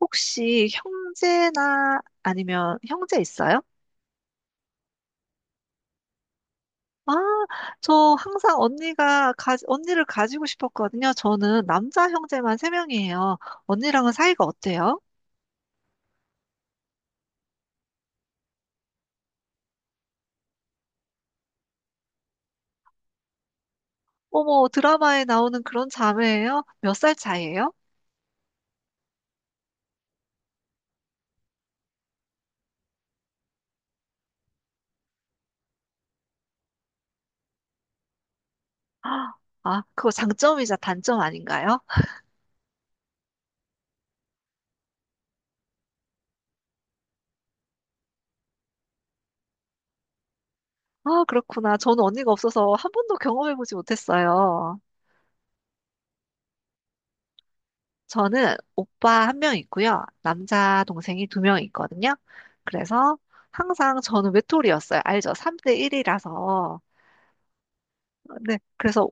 혹시 형제나 아니면 형제 있어요? 아, 저 항상 언니를 가지고 싶었거든요. 저는 남자 형제만 세 명이에요. 언니랑은 사이가 어때요? 어머, 드라마에 나오는 그런 자매예요? 몇 살 차이예요? 아, 아, 그거 장점이자 단점 아닌가요? 아, 그렇구나. 저는 언니가 없어서 한 번도 경험해보지 못했어요. 저는 오빠 한 명 있고요. 남자 동생이 두 명 있거든요. 그래서 항상 저는 외톨이였어요. 알죠? 3대 1이라서. 네. 그래서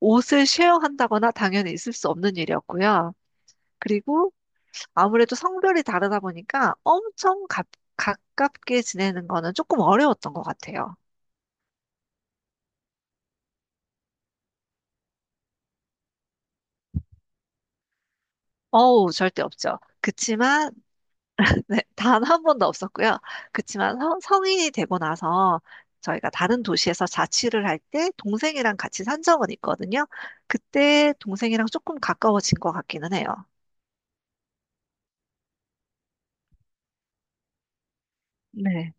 옷을 쉐어한다거나 당연히 있을 수 없는 일이었고요. 그리고 아무래도 성별이 다르다 보니까 가깝게 지내는 거는 조금 어려웠던 것 같아요. 어우, 절대 없죠. 그치만 네, 단 한 번도 없었고요. 그치만 성인이 되고 나서 저희가 다른 도시에서 자취를 할 때 동생이랑 같이 산 적은 있거든요. 그때 동생이랑 조금 가까워진 것 같기는 해요. 네.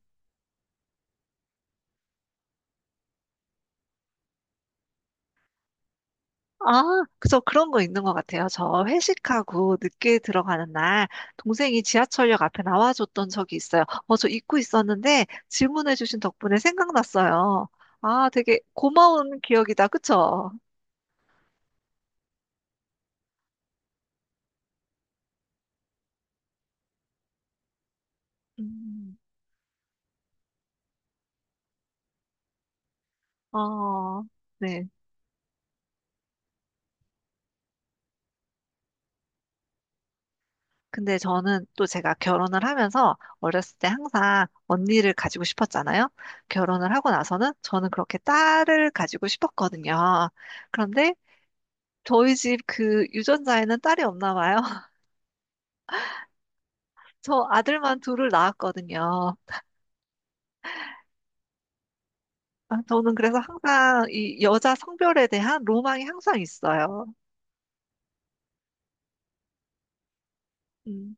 아, 그래서 그런 거 있는 것 같아요. 저 회식하고 늦게 들어가는 날 동생이 지하철역 앞에 나와줬던 적이 있어요. 어, 저 잊고 있었는데 질문해주신 덕분에 생각났어요. 아, 되게 고마운 기억이다. 그쵸? 음, 어, 네. 근데 저는 또 제가 결혼을 하면서 어렸을 때 항상 언니를 가지고 싶었잖아요. 결혼을 하고 나서는 저는 그렇게 딸을 가지고 싶었거든요. 그런데 저희 집 그 유전자에는 딸이 없나 봐요. 저 아들만 둘을 낳았거든요. 아, 저는 그래서 항상 이 여자 성별에 대한 로망이 항상 있어요. 음,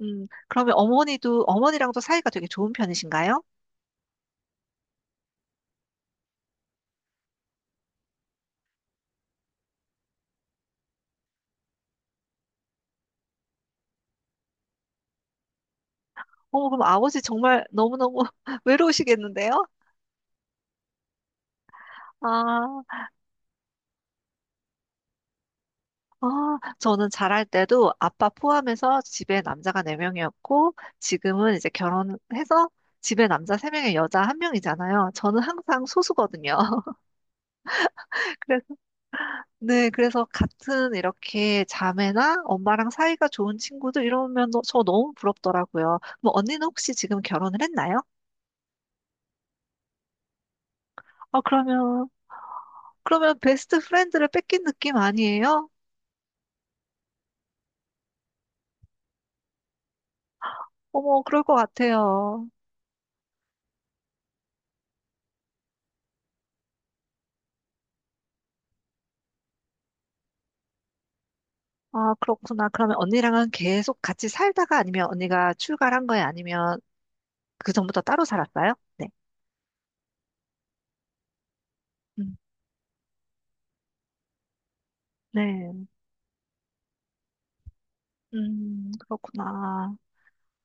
그러면 어머니랑도 사이가 되게 좋은 편이신가요? 어, 그럼 아버지 정말 너무너무 외로우시겠는데요? 아. 아, 저는 잘할 때도 아빠 포함해서 집에 남자가 4명이었고, 지금은 이제 결혼해서 집에 남자 3명에 여자 1명이잖아요. 저는 항상 소수거든요. 그래서, 네, 그래서 같은 이렇게 자매나 엄마랑 사이가 좋은 친구들 이러면 저 너무 부럽더라고요. 뭐, 언니는 혹시 지금 결혼을 했나요? 아, 그러면, 그러면 베스트 프렌드를 뺏긴 느낌 아니에요? 어머, 그럴 것 같아요. 아, 그렇구나. 그러면 언니랑은 계속 같이 살다가 아니면 언니가 출가한 거예요? 아니면 그 전부터 따로 살았어요? 네. 음, 네. 그렇구나.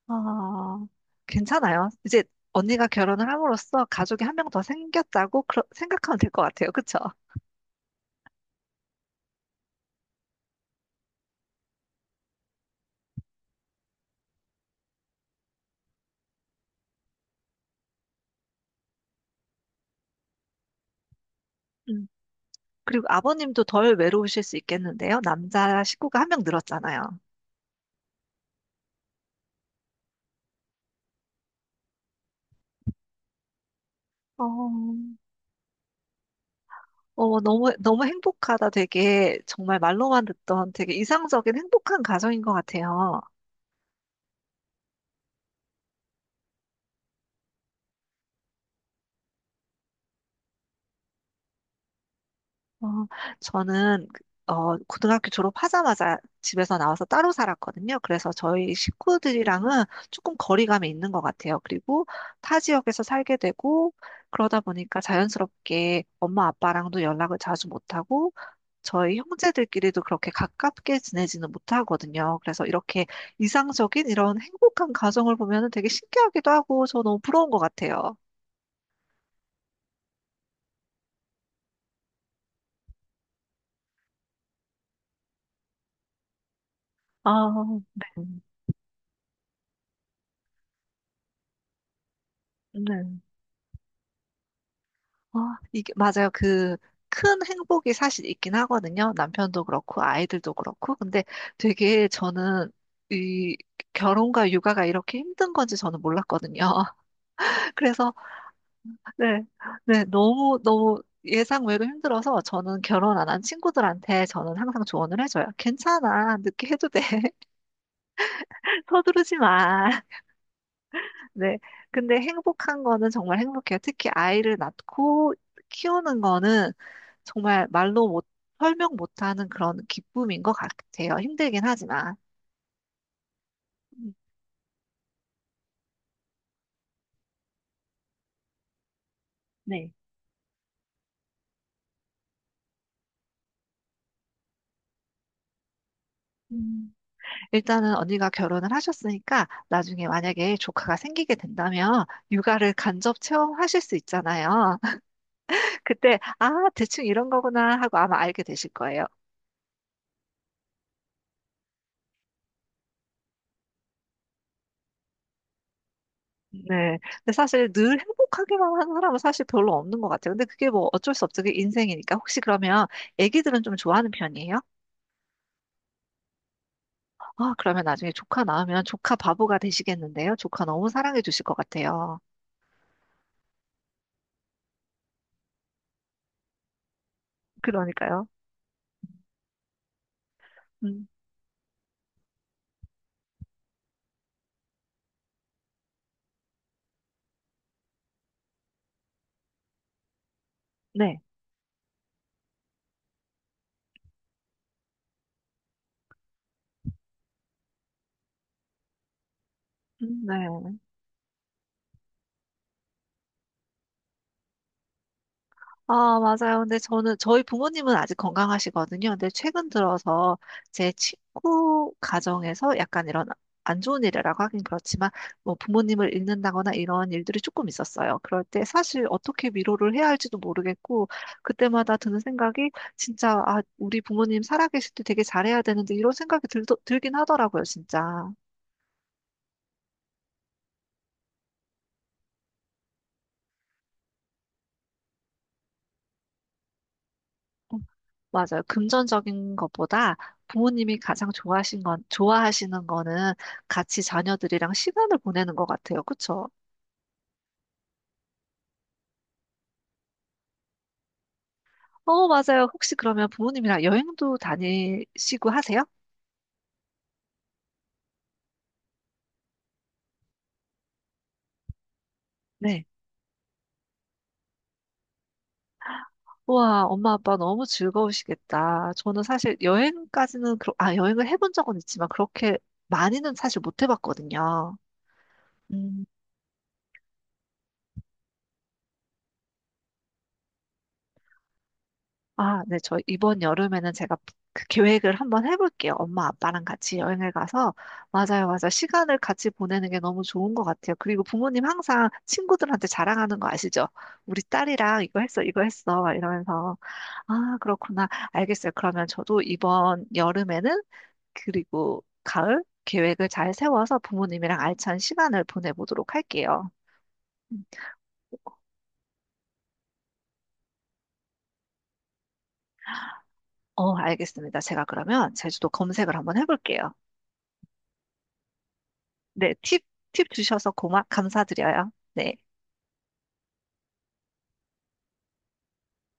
아, 괜찮아요. 이제 언니가 결혼을 함으로써 가족이 한 명 더 생겼다고 생각하면 될 것 같아요. 그쵸? 음. 그리고 아버님도 덜 외로우실 수 있겠는데요? 남자 식구가 한 명 늘었잖아요. 어, 어, 너무, 너무 행복하다. 되게 정말 말로만 듣던 되게 이상적인 행복한 가정인 것 같아요. 어, 저는, 그, 어, 고등학교 졸업하자마자 집에서 나와서 따로 살았거든요. 그래서 저희 식구들이랑은 조금 거리감이 있는 것 같아요. 그리고 타 지역에서 살게 되고, 그러다 보니까 자연스럽게 엄마 아빠랑도 연락을 자주 못하고, 저희 형제들끼리도 그렇게 가깝게 지내지는 못하거든요. 그래서 이렇게 이상적인 이런 행복한 가정을 보면 되게 신기하기도 하고 저 너무 부러운 것 같아요. 아, 네. 네. 아, 이게 맞아요. 그 큰 행복이 사실 있긴 하거든요. 남편도 그렇고 아이들도 그렇고. 근데 되게 저는 이 결혼과 육아가 이렇게 힘든 건지 저는 몰랐거든요. 그래서 네, 네, 너무, 너무 예상 외로 힘들어서 저는 결혼 안 한 친구들한테 저는 항상 조언을 해줘요. 괜찮아. 늦게 해도 돼. 서두르지 마. 네. 근데 행복한 거는 정말 행복해요. 특히 아이를 낳고 키우는 거는 정말 말로 못, 설명 못하는 그런 기쁨인 것 같아요. 힘들긴 하지만. 음, 네. 음, 일단은 언니가 결혼을 하셨으니까 나중에 만약에 조카가 생기게 된다면 육아를 간접 체험하실 수 있잖아요. 그때, 아, 대충 이런 거구나 하고 아마 알게 되실 거예요. 네. 근데 사실 늘 행복하기만 한 사람은 사실 별로 없는 것 같아요. 근데 그게 뭐 어쩔 수 없죠. 그게 인생이니까. 혹시 그러면 애기들은 좀 좋아하는 편이에요? 아, 그러면 나중에 조카 낳으면 조카 바보가 되시겠는데요? 조카 너무 사랑해 주실 것 같아요. 그러니까요. 음, 네. 네. 아, 맞아요. 저희 부모님은 아직 건강하시거든요. 근데 최근 들어서 제 친구 가정에서 약간 이런 안 좋은 일이라고 하긴 그렇지만, 뭐 부모님을 잃는다거나 이런 일들이 조금 있었어요. 그럴 때 사실 어떻게 위로를 해야 할지도 모르겠고, 그때마다 드는 생각이 진짜, 아, 우리 부모님 살아계실 때 되게 잘해야 되는데, 이런 생각이 들긴 하더라고요, 진짜. 맞아요. 금전적인 것보다 부모님이 가장 좋아하시는 거는 같이 자녀들이랑 시간을 보내는 것 같아요. 그쵸? 어, 맞아요. 혹시 그러면 부모님이랑 여행도 다니시고 하세요? 네. 와, 엄마 아빠 너무 즐거우시겠다. 저는 사실 아, 여행을 해본 적은 있지만 그렇게 많이는 사실 못 해봤거든요. 음, 아, 네, 저 이번 여름에는 제가 그 계획을 한번 해볼게요. 엄마 아빠랑 같이 여행을 가서, 맞아요, 맞아요. 시간을 같이 보내는 게 너무 좋은 것 같아요. 그리고 부모님 항상 친구들한테 자랑하는 거 아시죠? 우리 딸이랑 이거 했어, 이거 했어, 막 이러면서. 아, 그렇구나. 알겠어요. 그러면 저도 이번 여름에는, 그리고 가을 계획을 잘 세워서 부모님이랑 알찬 시간을 보내보도록 할게요. 음. 어, 알겠습니다. 제가 그러면 제주도 검색을 한번 해볼게요. 네, 팁 주셔서 감사드려요. 네.